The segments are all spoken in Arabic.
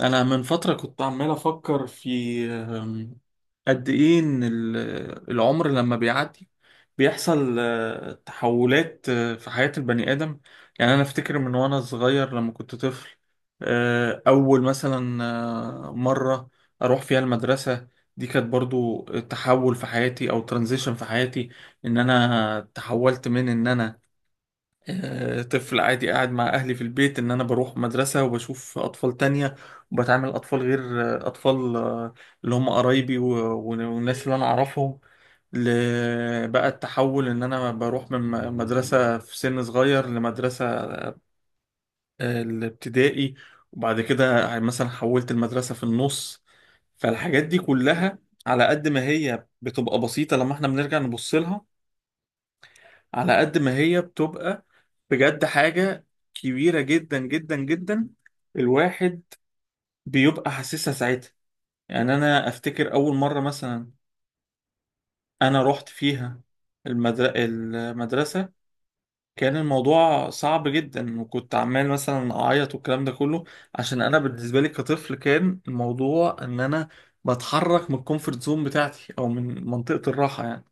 انا من فتره كنت عمال افكر في أم، قد ايه ان العمر لما بيعدي، بيحصل تحولات في حياه البني ادم. يعني انا افتكر من وانا صغير لما كنت طفل، اول مثلا مره اروح فيها المدرسه، دي كانت برضو تحول في حياتي او ترانزيشن في حياتي. ان انا تحولت من ان انا طفل عادي قاعد مع أهلي في البيت، إن أنا بروح مدرسة وبشوف أطفال تانية وبتعامل أطفال غير، أطفال اللي هم قرايبي والناس اللي أنا أعرفهم. بقى التحول إن أنا بروح من مدرسة في سن صغير لمدرسة، الابتدائي، وبعد كده يعني مثلا حولت المدرسة في النص. فالحاجات دي كلها على قد ما هي بتبقى بسيطة لما احنا بنرجع نبص لها، على قد ما هي بتبقى بجد حاجة كبيرة جدا جدا جدا. الواحد بيبقى حاسسها ساعتها. يعني أنا أفتكر أول مرة مثلا أنا رحت فيها المدرسة، كان الموضوع صعب جدا وكنت عمال مثلا أعيط والكلام ده كله، عشان أنا بالنسبة لي كطفل كان الموضوع إن أنا بتحرك من الكومفورت زون بتاعتي، أو من منطقة الراحة يعني.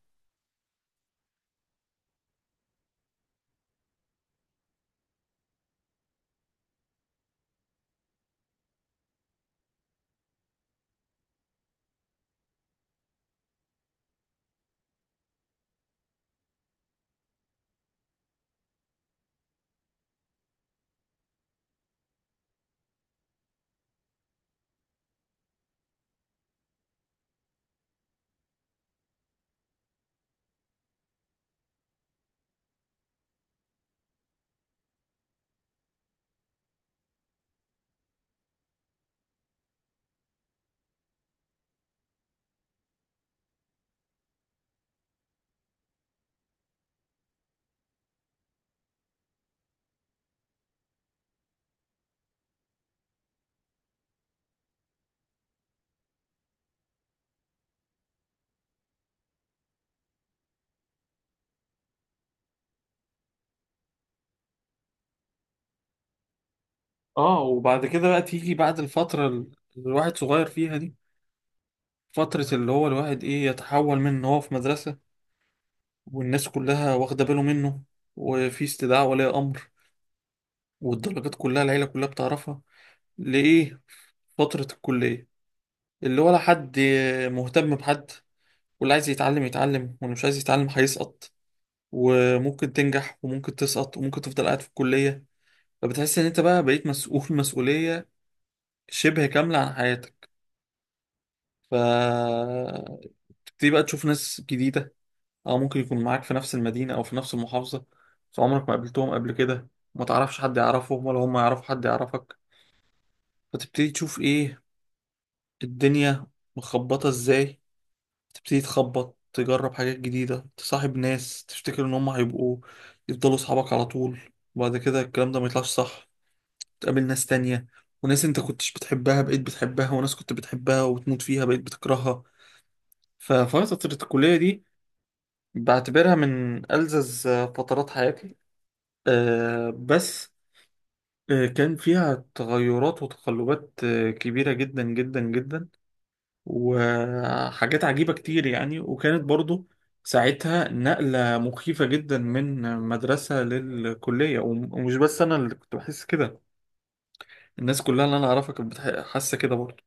اه، وبعد كده بقى تيجي بعد الفترة اللي الواحد صغير فيها دي، فترة اللي هو الواحد إيه، يتحول من إن هو في مدرسة والناس كلها واخدة باله منه وفي استدعاء ولي أمر والدرجات كلها العيلة كلها بتعرفها، لإيه فترة الكلية اللي ولا حد مهتم بحد. واللي عايز يتعلم يتعلم، واللي مش عايز يتعلم هيسقط، وممكن تنجح وممكن تسقط وممكن تفضل قاعد في الكلية. فبتحس إن أنت بقى بقيت مسؤول مسؤولية شبه كاملة عن حياتك. فتبتدي بقى تشوف ناس جديدة، أو ممكن يكون معاك في نفس المدينة أو في نفس المحافظة، بس عمرك ما قابلتهم قبل كده، ما تعرفش حد يعرفهم ولا هم يعرفوا حد يعرفك. فتبتدي تشوف إيه الدنيا مخبطة إزاي. تبتدي تخبط، تجرب حاجات جديدة، تصاحب ناس تفتكر إن هم هيبقوا يفضلوا صحابك على طول، وبعد كده الكلام ده ما يطلعش صح، تقابل ناس تانية، وناس أنت كنتش بتحبها بقيت بتحبها، وناس كنت بتحبها وتموت فيها بقيت بتكرهها. ففترة الكلية دي بعتبرها من ألذذ فترات حياتي، بس كان فيها تغيرات وتقلبات كبيرة جدا جدا جدا، وحاجات عجيبة كتير يعني. وكانت برضو ساعتها نقلة مخيفة جدا من مدرسة للكلية، ومش بس أنا اللي كنت بحس كده، الناس كلها اللي أنا أعرفها كانت حاسة كده برضو.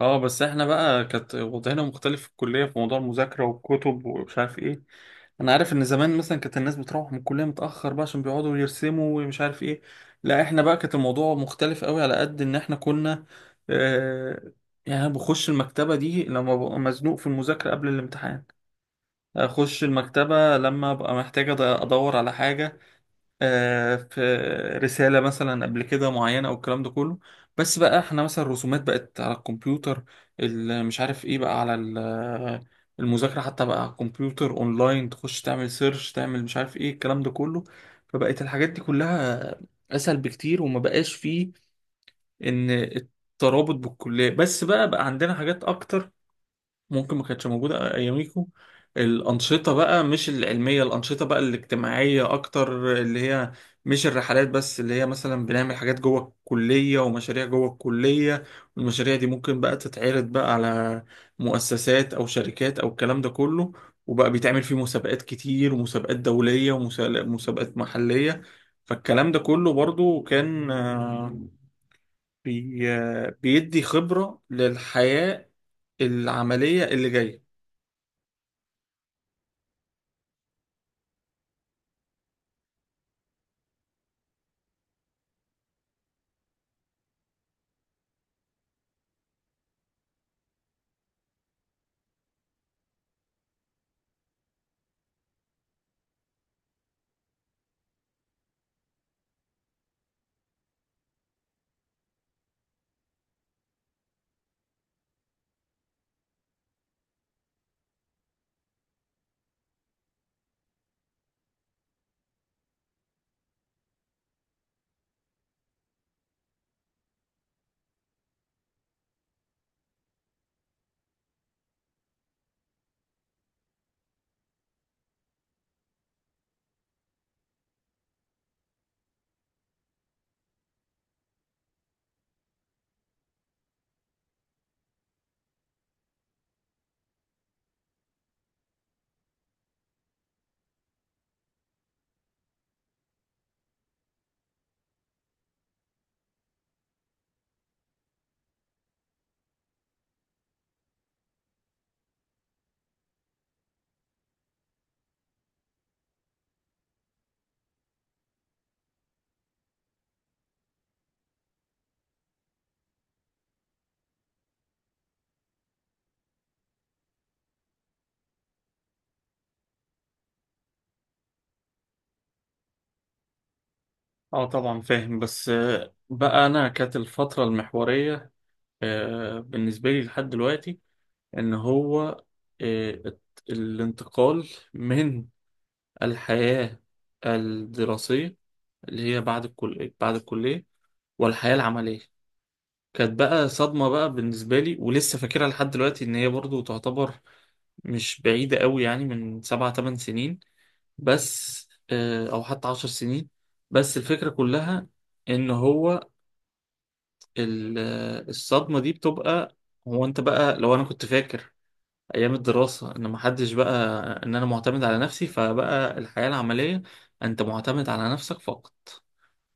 اه، بس احنا بقى كانت وضعنا مختلف في الكلية في موضوع المذاكرة والكتب ومش عارف ايه. انا عارف ان زمان مثلا كانت الناس بتروح من الكلية متأخر بقى عشان بيقعدوا يرسموا ومش عارف ايه، لا احنا بقى كانت الموضوع مختلف قوي، على قد ان احنا كنا آه يعني، انا بخش المكتبة دي لما ببقى مزنوق في المذاكرة قبل الامتحان، اخش المكتبة لما ابقى محتاج ادور على حاجة في رسالة مثلا قبل كده معينة أو الكلام ده كله. بس بقى احنا مثلا الرسومات بقت على الكمبيوتر، مش عارف ايه بقى على المذاكرة حتى بقى على الكمبيوتر اونلاين، تخش تعمل سيرش، تعمل مش عارف ايه الكلام ده كله. فبقت الحاجات دي كلها أسهل بكتير وما بقاش فيه إن الترابط بالكلية بس، بقى عندنا حاجات أكتر ممكن ما كانتش موجودة أياميكو. الأنشطة بقى، مش العلمية، الأنشطة بقى الاجتماعية أكتر، اللي هي مش الرحلات بس، اللي هي مثلا بنعمل حاجات جوه الكلية ومشاريع جوه الكلية، والمشاريع دي ممكن بقى تتعرض بقى على مؤسسات أو شركات أو الكلام ده كله، وبقى بيتعمل فيه مسابقات كتير، ومسابقات دولية ومسابقات محلية. فالكلام ده كله برضو كان آه، بي آه، بيدي خبرة للحياة العملية اللي جاية. اه، طبعا فاهم. بس بقى انا كانت الفترة المحورية بالنسبة لي لحد دلوقتي، ان هو الانتقال من الحياة الدراسية اللي هي بعد الكلية، بعد الكلية والحياة العملية، كانت بقى صدمة بقى بالنسبة لي، ولسه فاكرها لحد دلوقتي، ان هي برضو تعتبر مش بعيدة قوي يعني، من 7 8 سنين بس، او حتى 10 سنين. بس الفكرة كلها ان هو ال- الصدمة دي بتبقى، هو انت بقى لو انا كنت فاكر ايام الدراسة ان محدش بقى، ان انا معتمد على نفسي، فبقى الحياة العملية انت معتمد على نفسك فقط.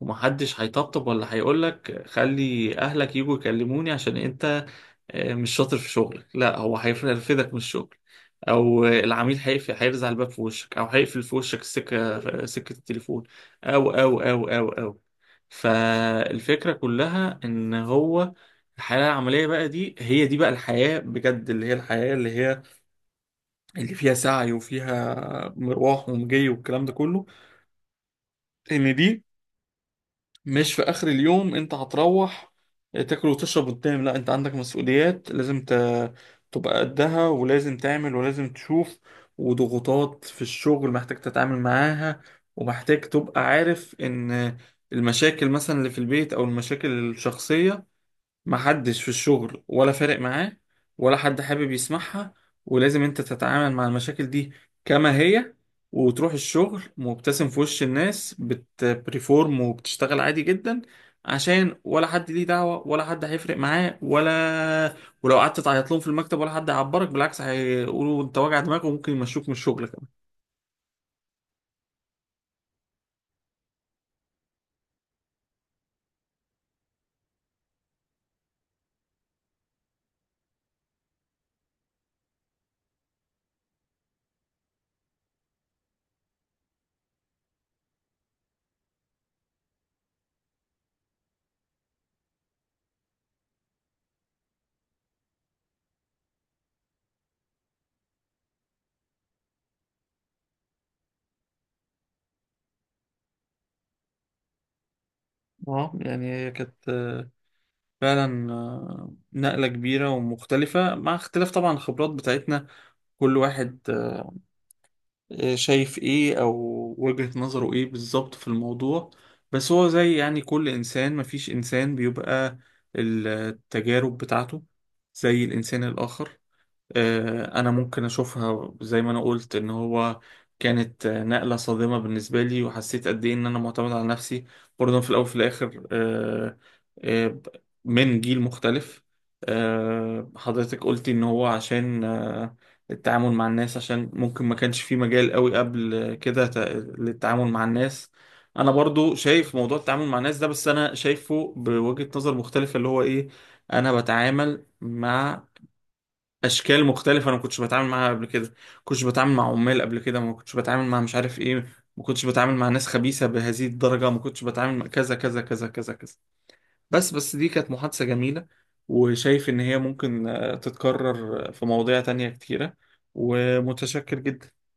ومحدش هيطبطب ولا هيقولك خلي اهلك يجوا يكلموني عشان انت مش شاطر في شغلك، لا هو هيرفدك من الشغل، او العميل هيقفل، هيرزع الباب في وشك او هيقفل في وشك سكه التليفون، او. فالفكره كلها ان هو الحياه العمليه بقى دي، هي دي بقى الحياه بجد، اللي هي الحياه اللي هي اللي فيها سعي وفيها مروح ومجي والكلام ده كله، ان دي مش في اخر اليوم انت هتروح تاكل وتشرب وتنام. لا، انت عندك مسؤوليات لازم تبقى قدها، ولازم تعمل ولازم تشوف. وضغوطات في الشغل محتاج تتعامل معاها، ومحتاج تبقى عارف ان المشاكل مثلا اللي في البيت او المشاكل الشخصية محدش في الشغل ولا فارق معاه، ولا حد حابب يسمعها، ولازم انت تتعامل مع المشاكل دي كما هي، وتروح الشغل مبتسم في وش الناس، بتبريفورم وبتشتغل عادي جدا، عشان ولا حد ليه دعوة ولا حد هيفرق معاه. ولا ولو قعدت تعيط لهم في المكتب، ولا حد هيعبرك، بالعكس هيقولوا انت واجع دماغك وممكن يمشوك من الشغل كمان. اه، يعني هي كانت فعلا نقلة كبيرة ومختلفة، مع اختلاف طبعا الخبرات بتاعتنا، كل واحد شايف ايه، او وجهة نظره ايه بالظبط في الموضوع. بس هو زي يعني كل انسان، مفيش انسان بيبقى التجارب بتاعته زي الانسان الاخر. انا ممكن اشوفها زي ما انا قلت ان هو كانت نقلة صادمة بالنسبة لي، وحسيت قد ايه ان انا معتمد على نفسي، برضه في الاول وفي الاخر. آه، من جيل مختلف، حضرتك قلتي ان هو عشان التعامل مع الناس، عشان ممكن ما كانش في مجال قوي قبل كده للتعامل مع الناس. انا برضو شايف موضوع التعامل مع الناس ده، بس انا شايفه بوجهة نظر مختلفة، اللي هو ايه؟ انا بتعامل مع اشكال مختلفه انا ما كنتش بتعامل معاها قبل كده، ما كنتش بتعامل مع عمال قبل كده، ما كنتش بتعامل مع مش عارف ايه، ما كنتش بتعامل مع ناس خبيثه بهذه الدرجه، ما كنتش بتعامل مع كذا كذا كذا كذا كذا. بس دي كانت محادثه جميله، وشايف ان هي ممكن تتكرر في مواضيع تانية كتيره. ومتشكر جدا.